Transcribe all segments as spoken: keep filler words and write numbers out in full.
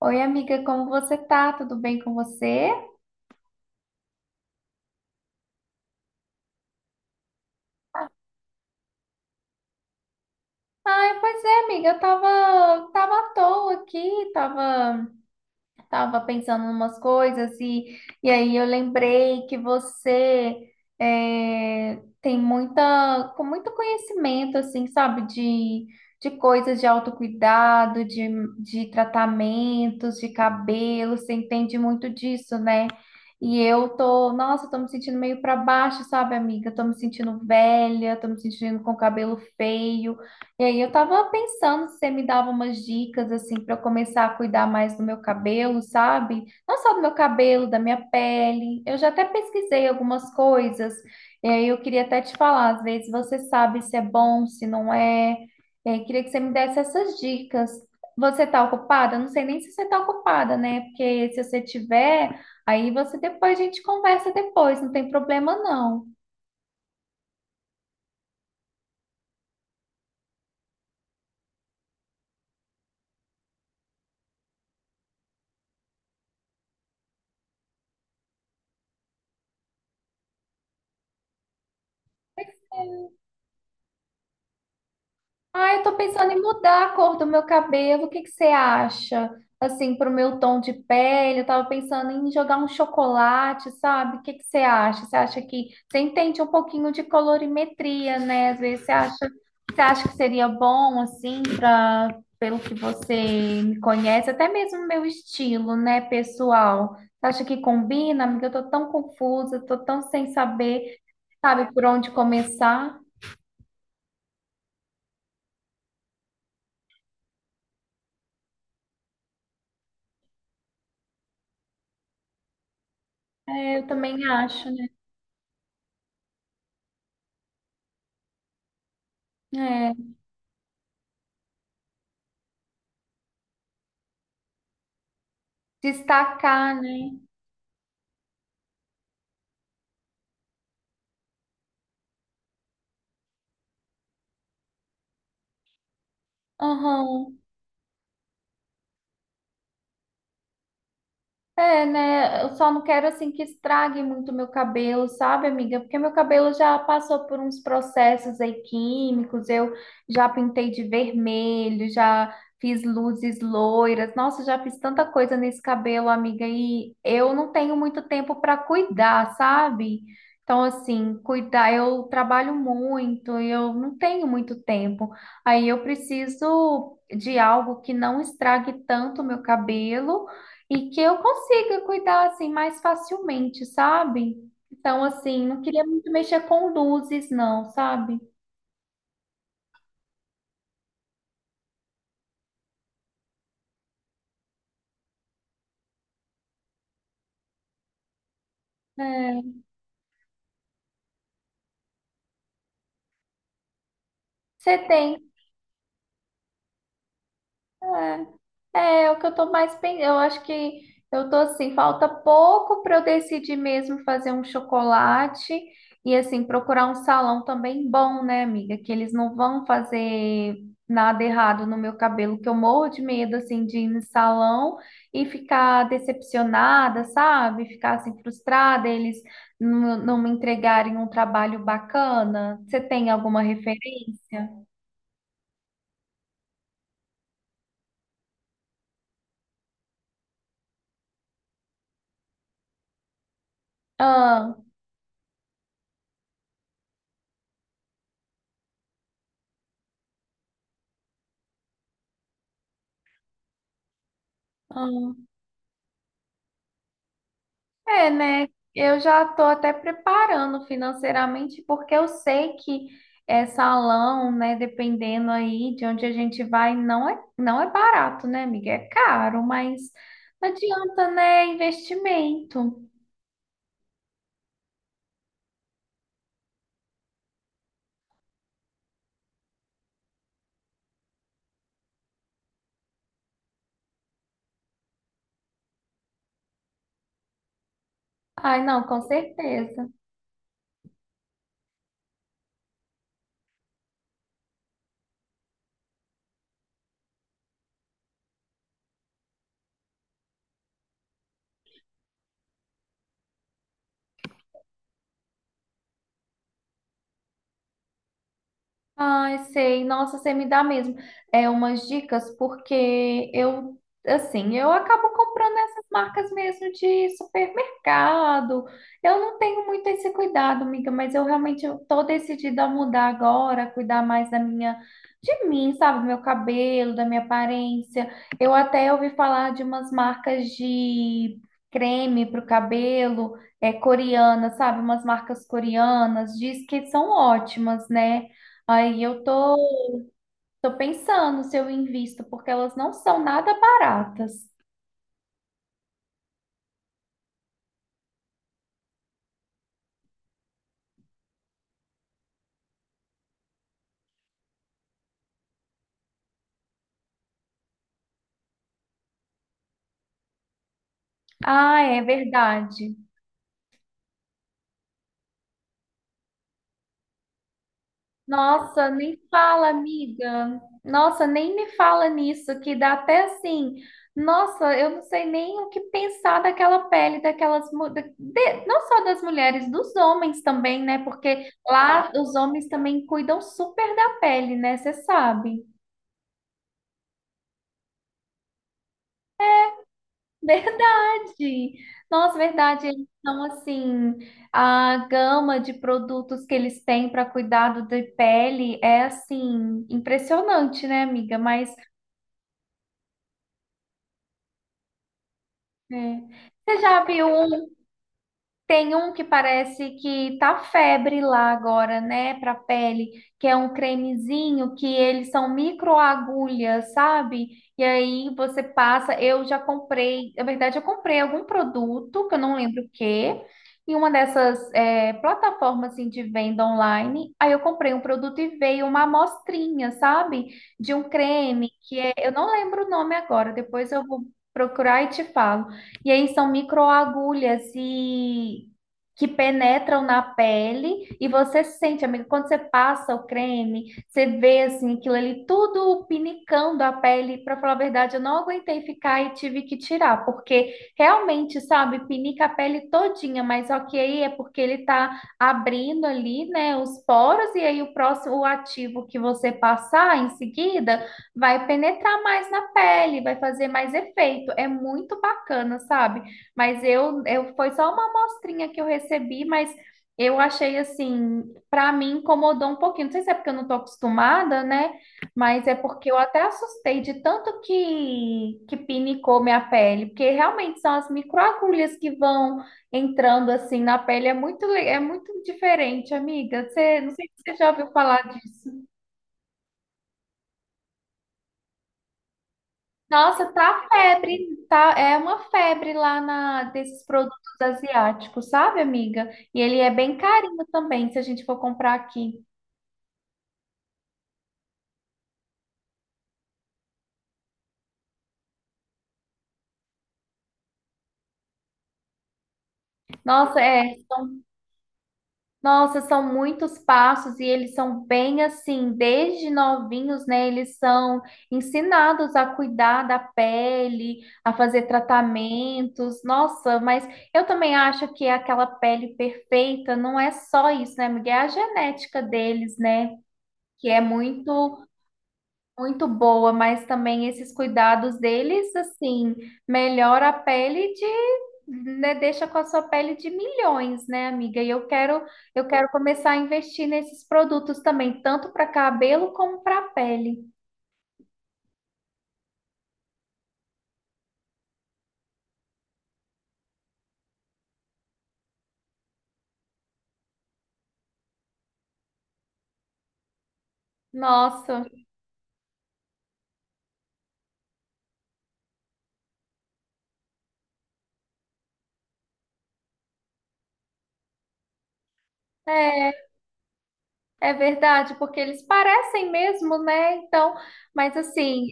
Oi, amiga, como você tá? Tudo bem com você? Ai, pois é, amiga, eu tava, tava à toa aqui, tava. Tava pensando em umas coisas e, e aí eu lembrei que você é, tem muita, com muito conhecimento, assim, sabe, de, de coisas de autocuidado, de, de tratamentos, de cabelo, você entende muito disso, né? E eu tô, nossa, eu tô me sentindo meio pra baixo, sabe, amiga? Eu tô me sentindo velha, tô me sentindo com cabelo feio. E aí eu tava pensando se você me dava umas dicas assim para eu começar a cuidar mais do meu cabelo, sabe? Não só do meu cabelo, da minha pele. Eu já até pesquisei algumas coisas. E aí eu queria até te falar, às vezes você sabe se é bom, se não é. E aí queria que você me desse essas dicas. Você tá ocupada? Eu não sei nem se você tá ocupada, né? Porque se você tiver, aí você depois a gente conversa depois, não tem problema não. Ah, eu tô pensando em mudar a cor do meu cabelo. O que que você acha? Assim, pro meu tom de pele, eu tava pensando em jogar um chocolate, sabe? O que que você acha? Você acha que você entende um pouquinho de colorimetria, né? Às vezes você acha, você acha que seria bom assim para pelo que você me conhece, até mesmo meu estilo, né, pessoal? Você acha que combina, amiga? Eu tô tão confusa, tô tão sem saber, sabe, por onde começar. É, eu também acho, né? É. Destacar, né? Aham. É, né? Eu só não quero assim que estrague muito meu cabelo, sabe, amiga? Porque meu cabelo já passou por uns processos aí químicos, eu já pintei de vermelho, já fiz luzes loiras. Nossa, já fiz tanta coisa nesse cabelo, amiga, e eu não tenho muito tempo para cuidar, sabe? Então, assim, cuidar, eu trabalho muito, e eu não tenho muito tempo. Aí eu preciso de algo que não estrague tanto o meu cabelo e que eu consiga cuidar assim mais facilmente, sabe? Então, assim, não queria muito mexer com luzes, não, sabe? É, você tem. É. É, é o que eu tô mais pensando. Eu acho que eu tô assim, falta pouco para eu decidir mesmo fazer um chocolate e assim procurar um salão também bom, né, amiga? Que eles não vão fazer nada errado no meu cabelo, que eu morro de medo assim de ir no salão e ficar decepcionada, sabe? Ficar assim frustrada, eles não, não me entregarem um trabalho bacana. Você tem alguma referência? Ah, ah. É, né? Eu já estou até preparando financeiramente, porque eu sei que é, salão, né, dependendo aí de onde a gente vai, não é, não é barato, né, amiga? É caro, mas não adianta, né? Investimento. Ai, não, com certeza. Ai, sei. Nossa, você me dá mesmo é umas dicas porque eu assim, eu acabo comprando essas marcas mesmo de supermercado. Eu não tenho muito esse cuidado, amiga, mas eu realmente eu tô decidida a mudar agora, cuidar mais da minha de mim, sabe, do meu cabelo, da minha aparência. Eu até ouvi falar de umas marcas de creme para o cabelo, é coreana, sabe, umas marcas coreanas, diz que são ótimas, né? Aí eu tô, tô pensando se eu invisto, porque elas não são nada baratas. Ah, é verdade. Nossa, nem fala, amiga. Nossa, nem me fala nisso, que dá até assim. Nossa, eu não sei nem o que pensar daquela pele, daquelas, mu- da- de- não só das mulheres, dos homens também, né? Porque lá os homens também cuidam super da pele, né? Você sabe. Verdade! Nossa, verdade. Eles são assim, a gama de produtos que eles têm para cuidado da pele é assim, impressionante, né, amiga? Mas é. Você já viu um. Tem um que parece que tá febre lá agora, né, pra pele, que é um cremezinho que eles são microagulhas, sabe? E aí você passa, eu já comprei, na verdade eu comprei algum produto, que eu não lembro o quê, em uma dessas é, plataformas assim, de venda online, aí eu comprei um produto e veio uma amostrinha, sabe? De um creme que é, eu não lembro o nome agora, depois eu vou procurar e te falo. E aí são microagulhas e que penetram na pele e você sente, amigo, quando você passa o creme, você vê assim aquilo ali tudo pinicando a pele. Para falar a verdade, eu não aguentei ficar e tive que tirar, porque realmente, sabe, pinica a pele todinha, mas ok, é porque ele tá abrindo ali, né, os poros e aí o próximo o ativo que você passar em seguida vai penetrar mais na pele, vai fazer mais efeito. É muito bacana, sabe? Mas eu, eu foi só uma amostrinha que eu recebi, mas eu achei assim, pra mim incomodou um pouquinho. Não sei se é porque eu não tô acostumada, né? Mas é porque eu até assustei de tanto que que pinicou minha pele, porque realmente são as microagulhas que vão entrando assim na pele, é muito le- é muito diferente, amiga. Você, não sei se você já ouviu falar disso. Nossa, tá febre, tá, é uma febre lá na desses produtos asiáticos, sabe, amiga? E ele é bem carinho também, se a gente for comprar aqui. Nossa, é, nossa, são muitos passos e eles são bem assim, desde novinhos, né? Eles são ensinados a cuidar da pele, a fazer tratamentos. Nossa, mas eu também acho que aquela pele perfeita não é só isso, né, amiga? É a genética deles, né? Que é muito muito boa, mas também esses cuidados deles, assim, melhora a pele de, né, deixa com a sua pele de milhões, né, amiga? E eu quero, eu quero começar a investir nesses produtos também, tanto para cabelo como para pele. Nossa, é, é verdade, porque eles parecem mesmo, né? Então, mas assim,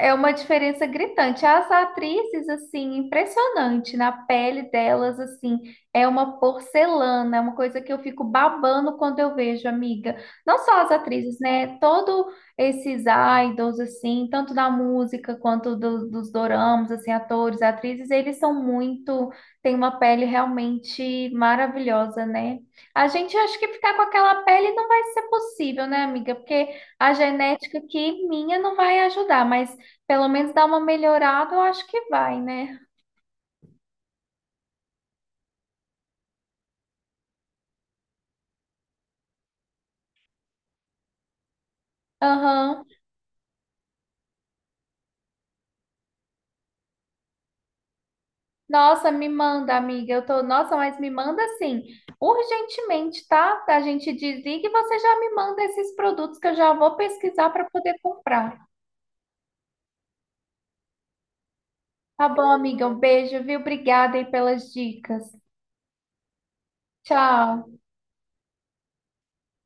é uma diferença gritante. As atrizes, assim, impressionante na pele delas, assim, é uma porcelana, é uma coisa que eu fico babando quando eu vejo, amiga. Não só as atrizes, né? Todo esses idols, assim, tanto da música quanto do- dos doramas, assim, atores, atrizes, eles são muito, têm uma pele realmente maravilhosa, né? A gente acha que ficar com aquela pele não vai ser possível, né, amiga? Porque a genética aqui minha não vai ajudar, mas pelo menos dar uma melhorada, eu acho que vai, né? Aham. Nossa, me manda, amiga. Eu tô, nossa, mas me manda assim, urgentemente, tá? A gente desliga e você já me manda esses produtos que eu já vou pesquisar para poder comprar. Tá bom, amiga? Um beijo, viu? Obrigada aí pelas dicas. Tchau.